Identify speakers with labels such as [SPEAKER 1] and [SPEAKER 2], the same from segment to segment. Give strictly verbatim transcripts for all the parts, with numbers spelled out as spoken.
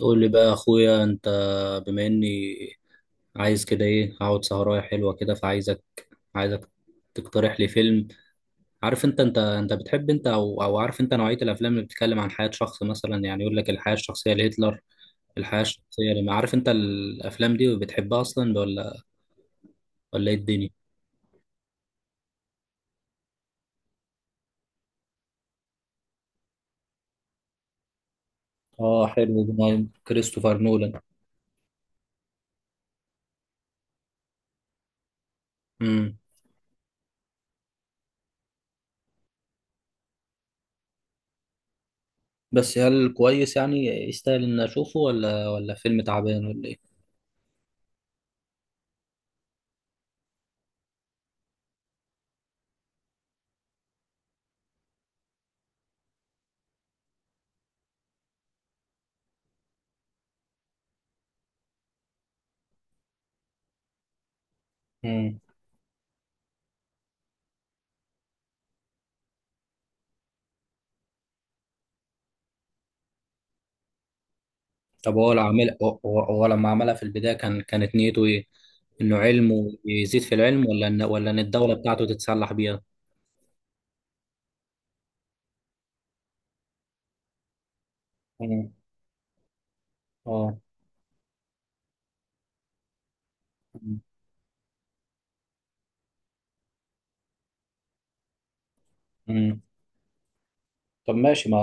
[SPEAKER 1] قول لي بقى يا اخويا انت، بما اني عايز كده ايه، اقعد سهرايه حلوه كده، فعايزك عايزك تقترح لي فيلم. عارف انت انت انت بتحب انت، او او عارف انت نوعيه الافلام اللي بتتكلم عن حياه شخص مثلا، يعني يقول لك الحياه الشخصيه لهتلر. الحياه الشخصيه، لما عارف انت الافلام دي بتحبها اصلا، ولا ولا ايه الدنيا؟ اه، حلو ده، نعم، كريستوفر نولان. امم. بس هل كويس يعني، يستاهل ان اشوفه، ولا ولا فيلم تعبان، ولا ايه؟ طب هو لو عامل، هو, هو لما عملها في البداية، كان كانت نيته ايه؟ انه علمه يزيد في العلم، ولا ان ولا ان الدولة بتاعته تتسلح بيها؟ مم. اه. مم. مم. طب ماشي، ما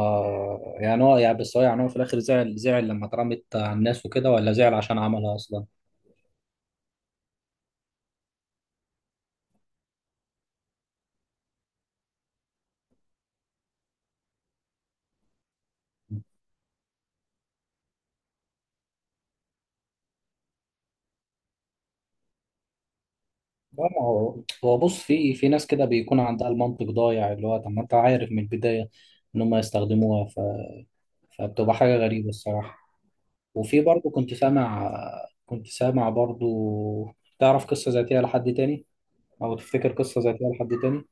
[SPEAKER 1] يعني هو يعني، بس هو يعني، هو في الاخر زعل زعل لما اترمت على الناس وكده، ولا زعل عشان عملها اصلا؟ لا، ما هو هو بص، في في ناس كده بيكون عندها المنطق ضايع، اللي هو طب ما انت عارف من البداية ان هم يستخدموها، ف... فبتبقى حاجة غريبة الصراحة. وفي برضه كنت سامع كنت سامع برضه، تعرف قصة ذاتية لحد تاني، أو تفتكر قصة ذاتية لحد تاني؟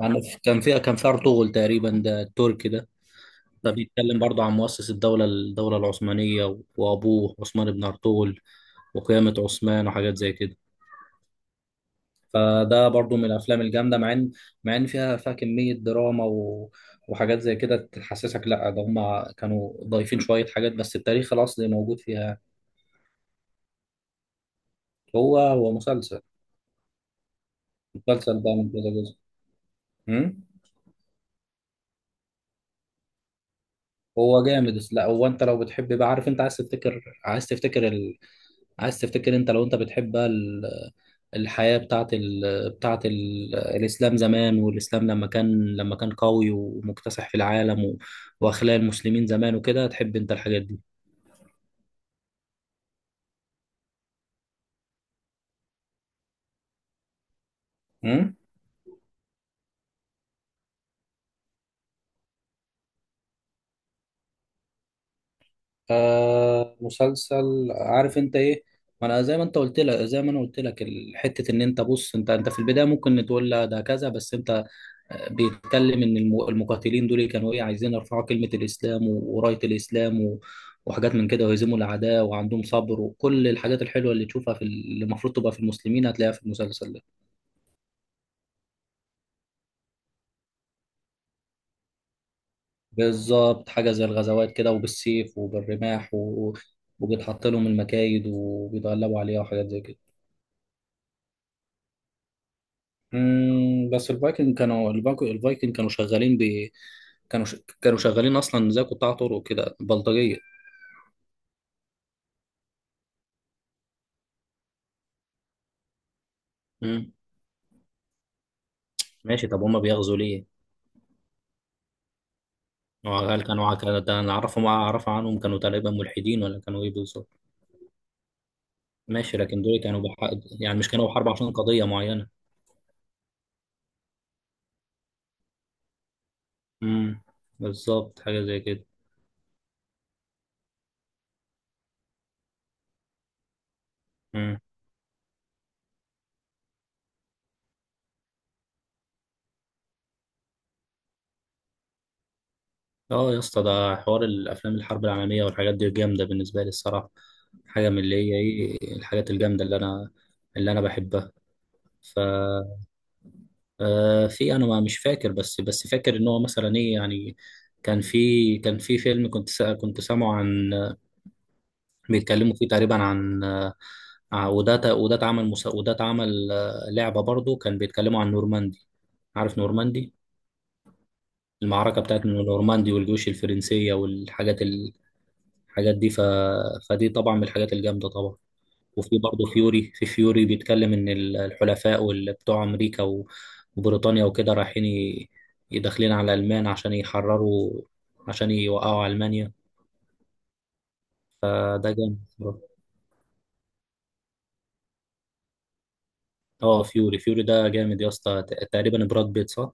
[SPEAKER 1] عن- كان فيها كان في أرطغرل تقريبا، ده التركي ده. ده بيتكلم برضه عن مؤسس الدولة الدولة العثمانية، و- وأبوه عثمان بن أرطغرل، وقيامة عثمان وحاجات زي كده. فده برضه من الأفلام الجامدة، مع إن مع إن فيها فيها كمية دراما، و... وحاجات زي كده، تحسسك لا ده هما كانوا ضايفين شوية حاجات، بس التاريخ الأصلي موجود فيها. هو هو مسلسل. المسلسل ده من كذا جزء. امم. هو جامد، لا هو انت لو بتحب بقى، عارف انت، عايز تفتكر عايز تفتكر ال... عايز تفتكر انت، لو انت بتحب بقى ال... الحياة بتاعت ال... بتاعت ال... الإسلام زمان، والإسلام لما كان لما كان قوي ومكتسح في العالم، و... وأخلاق المسلمين زمان وكده، تحب انت الحاجات دي. أمم؟ آه، مسلسل عارف انت ايه، ما انا زي ما انت قلت لك زي ما انا قلت لك، حته ان انت، بص انت انت في البدايه ممكن تقول لا ده كذا، بس انت آه، بيتكلم ان الم- المقاتلين دول كانوا ايه، عايزين يرفعوا كلمه الاسلام، و- ورايه الاسلام، و- وحاجات من كده، ويهزموا الاعداء وعندهم صبر، وكل الحاجات الحلوه اللي تشوفها في ال- اللي المفروض تبقى في المسلمين، هتلاقيها في المسلسل ده. بالظبط، حاجه زي الغزوات كده، وبالسيف وبالرماح، و... وبيتحط لهم المكايد وبيتغلبوا عليها، وحاجات زي كده. مم، بس الفايكنج كانوا الفايك- الفايكنج كانوا شغالين ب كانوا ش... كانوا شغالين اصلا زي قطاع طرق كده، بلطجيه. مم. ماشي، طب هما بيغزوا ليه؟ هو هل كانوا ع- كان ده انا اعرفهم اعرف عنهم، كانوا تقريبا ملحدين، ولا كانوا ايه بالظبط؟ ماشي، لكن دول كانوا بحق... يعني مش كانوا بحرب عشان قضيه معينه. امم. بالظبط حاجه زي كده. امم. اه يا اسطى، ده حوار، الافلام الحرب العالميه والحاجات دي جامده بالنسبه لي الصراحه، حاجه من اللي هي ايه، الحاجات الجامده اللي انا اللي انا بحبها. ف آه في انا ما مش فاكر، بس بس فاكر ان هو مثلا ايه يعني، كان في كان في فيلم، كنت سا كنت سامعه عن، بيتكلموا فيه تقريبا عن آه، ع- وده ت- وده اتعمل مس- وده اتعمل آه، لعبة برضه، كان بيتكلموا عن نورماندي. عارف نورماندي. المعركة بتاعت نورماندي، والجيوش الفرنسية، والحاجات الحاجات دي، ف... فدي طبعا من الحاجات الجامدة طبعا. وفي برضه فيوري في فيوري بيتكلم ان ال- الحلفاء وبتوع امريكا، و- وبريطانيا وكده، رايحين ي- يدخلين على المان عشان يحرروا عشان يوقعوا المانيا. فده جامد بصراحة. اه، فيوري فيوري ده جامد يا اسطى، ت- تقريبا براد بيت، صح؟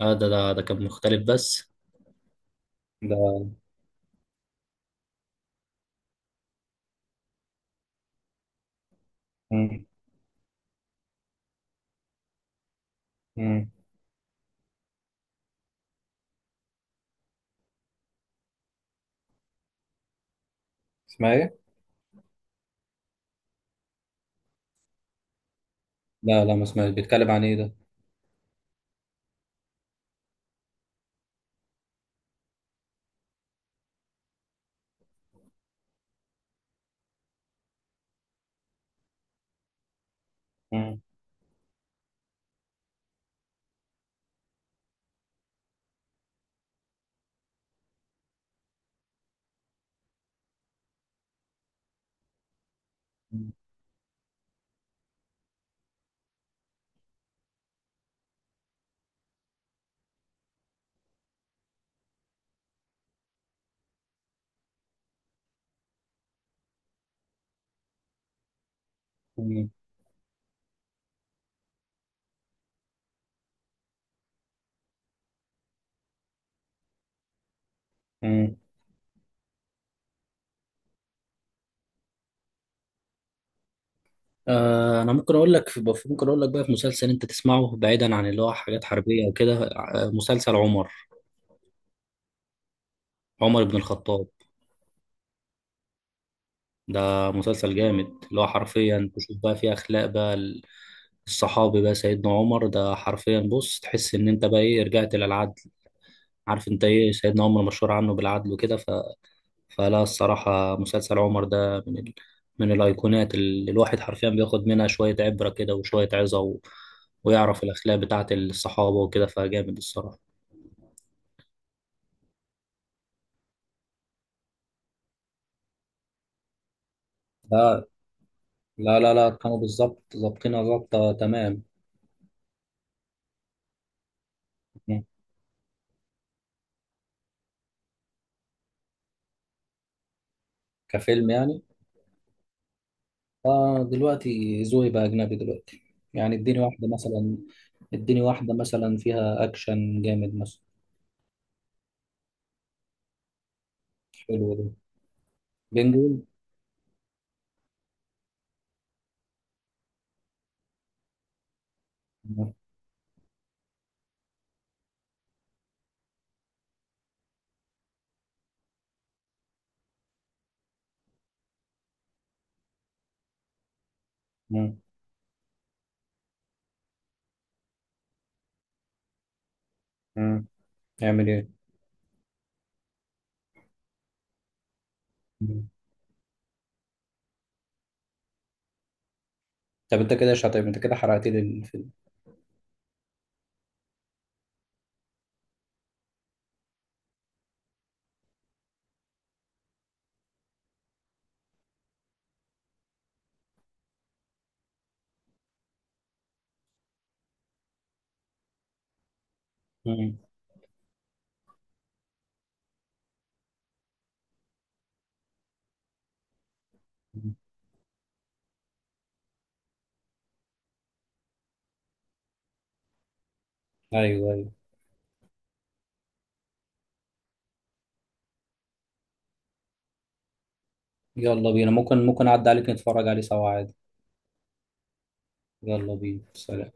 [SPEAKER 1] اه، ده ده, ده كان مختلف، بس ده. مم. مم. اسمها ايه؟ لا، لا، ما اسمعش، بيتكلم عن ايه ده؟ مم. مم. مم. آه، انا ممكن اقول لك ممكن اقول لك بقى، في مسلسل انت تسمعه بعيدا عن اللي هو حاجات حربيه وكده، آه، مسلسل عمر. عمر بن الخطاب. ده مسلسل جامد، اللي هو حرفيا تشوف بقى فيه اخلاق بقى، الصحابي بقى سيدنا عمر ده، حرفيا بص، تحس ان انت بقى ايه، رجعت للعدل. عارف انت ايه، سيدنا عمر مشهور عنه بالعدل وكده، ف... فلا الصراحه، مسلسل عمر ده من ال... من الايقونات، اللي الواحد حرفيا بياخد منها شويه عبره كده وشويه عظه، و... ويعرف الاخلاق بتاعت الصحابه وكده، فجامد الصراحه. لا، لا، لا، لا، كانوا بالظبط ظابطينها، ظابطة تمام. مم. كفيلم يعني. فدلوقتي ذوقي بقى أجنبي دلوقتي. يعني اديني واحدة مثلا اديني واحدة مثلا فيها أكشن جامد مثلا. حلو ده. بينجوين. مم. مم. مم. يعمل إيه؟ مم. طب أنت كده شاطر، أنت كده حرقت لي الفيلم. مم. مم. أيوه، أيوه. يلا بينا، ممكن ممكن أعدي عليك نتفرج عليه سوا عادي. يلا بينا، سلام.